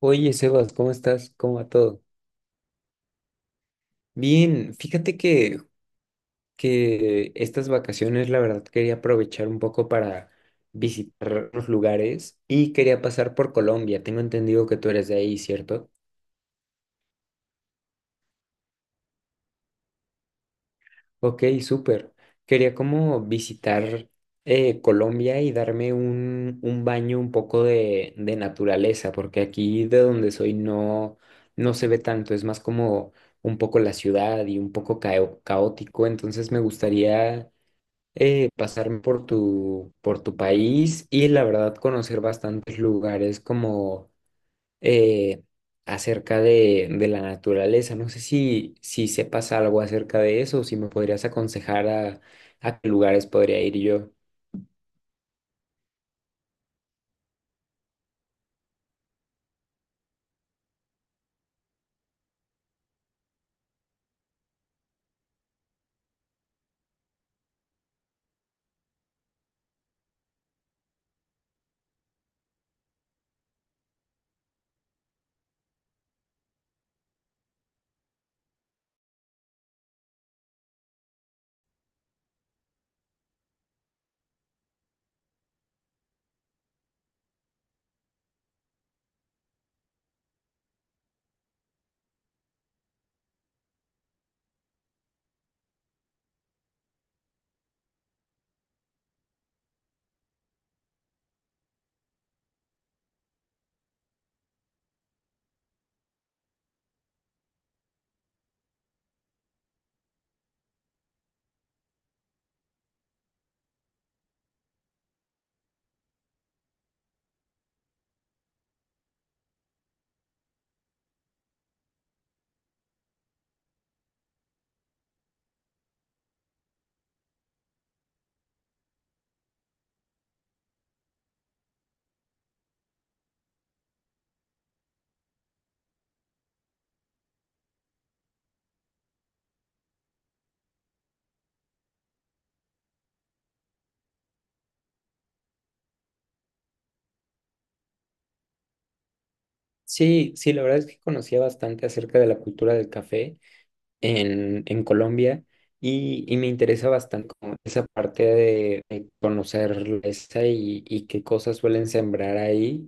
Oye, Sebas, ¿cómo estás? ¿Cómo va todo? Bien, fíjate que estas vacaciones, la verdad, quería aprovechar un poco para visitar los lugares y quería pasar por Colombia. Tengo entendido que tú eres de ahí, ¿cierto? Ok, súper. Quería como visitar Colombia y darme un baño un poco de naturaleza, porque aquí de donde soy no, no se ve tanto, es más como un poco la ciudad y un poco caótico, entonces me gustaría pasarme por por tu país y la verdad conocer bastantes lugares como eh, acerca de la naturaleza. No sé si, si sepas algo acerca de eso o si me podrías aconsejar a qué lugares podría ir yo. Sí, sí, la verdad es que conocía bastante acerca de la cultura del café en en Colombia y me interesa bastante como esa parte de conocer esa y qué cosas suelen sembrar ahí,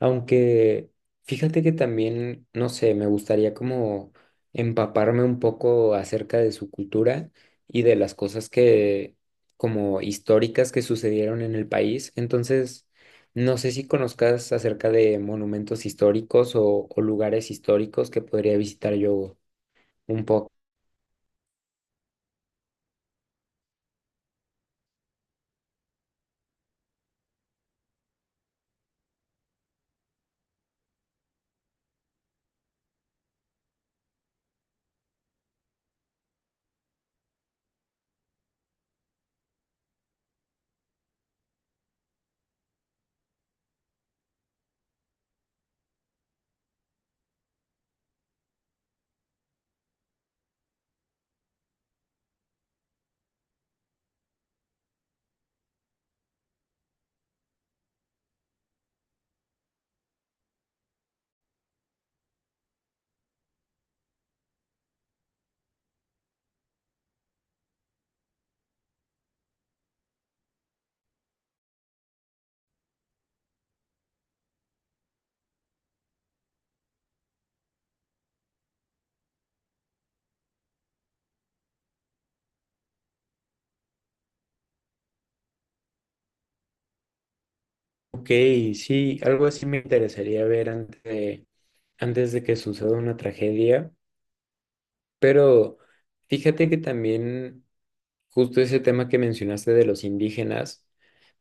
aunque fíjate que también, no sé, me gustaría como empaparme un poco acerca de su cultura y de las cosas que como históricas que sucedieron en el país, entonces... No sé si conozcas acerca de monumentos históricos o lugares históricos que podría visitar yo un poco. Ok, sí, algo así me interesaría ver antes de que suceda una tragedia, pero fíjate que también justo ese tema que mencionaste de los indígenas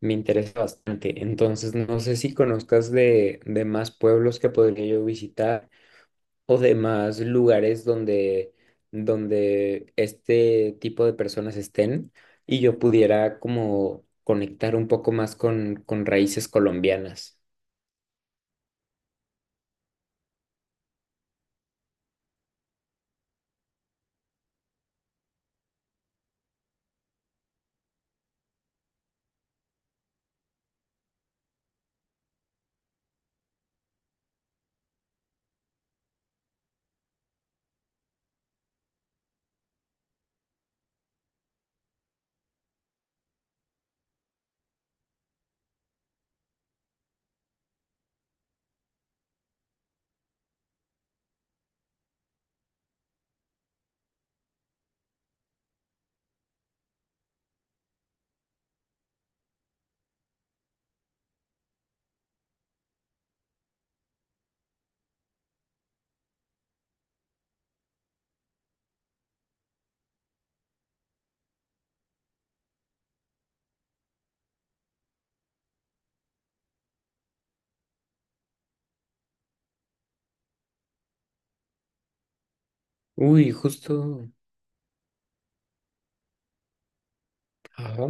me interesa bastante, entonces no sé si conozcas de más pueblos que podría yo visitar o de más lugares donde, donde este tipo de personas estén y yo pudiera como conectar un poco más con raíces colombianas. Uy, justo, ajá,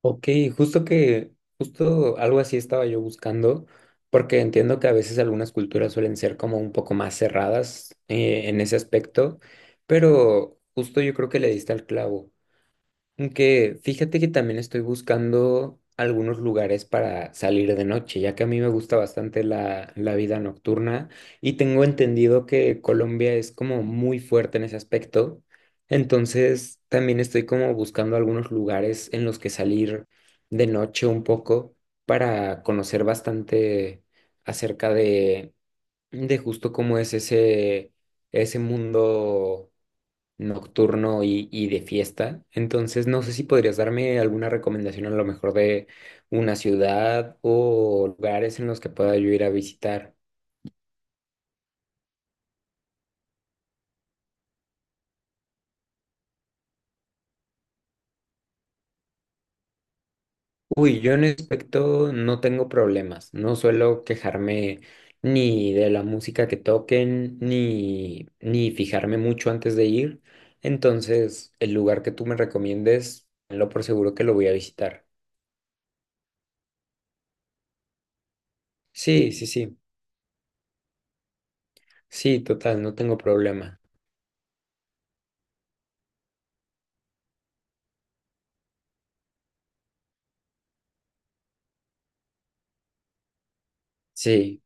ok, justo que, justo algo así estaba yo buscando, porque entiendo que a veces algunas culturas suelen ser como un poco más cerradas en ese aspecto, pero justo yo creo que le diste al clavo. Que fíjate que también estoy buscando algunos lugares para salir de noche, ya que a mí me gusta bastante la vida nocturna y tengo entendido que Colombia es como muy fuerte en ese aspecto. Entonces también estoy como buscando algunos lugares en los que salir de noche un poco para conocer bastante acerca de justo cómo es ese, ese mundo nocturno y de fiesta. Entonces, no sé si podrías darme alguna recomendación a lo mejor de una ciudad o lugares en los que pueda yo ir a visitar. Uy, yo en ese aspecto no tengo problemas. No suelo quejarme ni de la música que toquen, ni fijarme mucho antes de ir. Entonces, el lugar que tú me recomiendes, lo por seguro que lo voy a visitar. Sí, sí, sí. Sí, total, no tengo problema. Sí.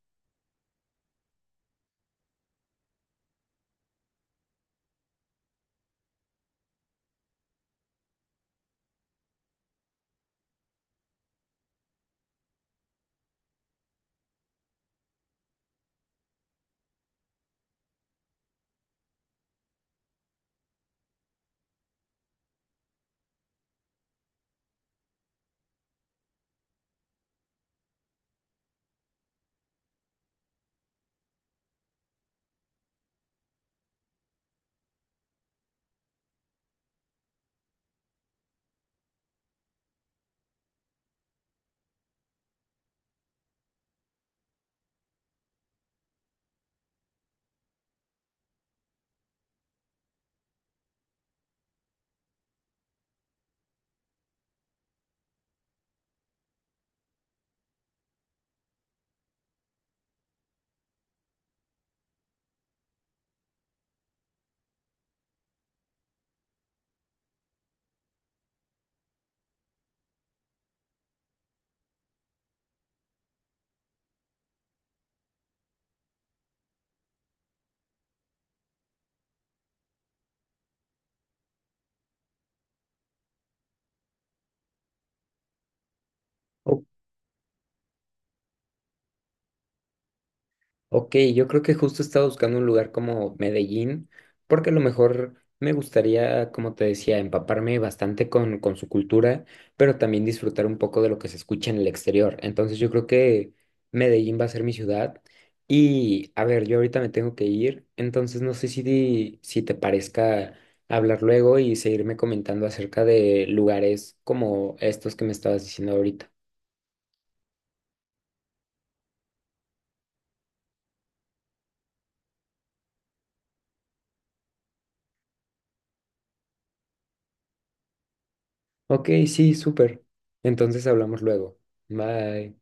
Ok. Ok, yo creo que justo estaba buscando un lugar como Medellín, porque a lo mejor me gustaría, como te decía, empaparme bastante con su cultura, pero también disfrutar un poco de lo que se escucha en el exterior. Entonces yo creo que Medellín va a ser mi ciudad. Y a ver, yo ahorita me tengo que ir, entonces no sé si, si te parezca hablar luego y seguirme comentando acerca de lugares como estos que me estabas diciendo ahorita. Ok, sí, súper. Entonces hablamos luego. Bye.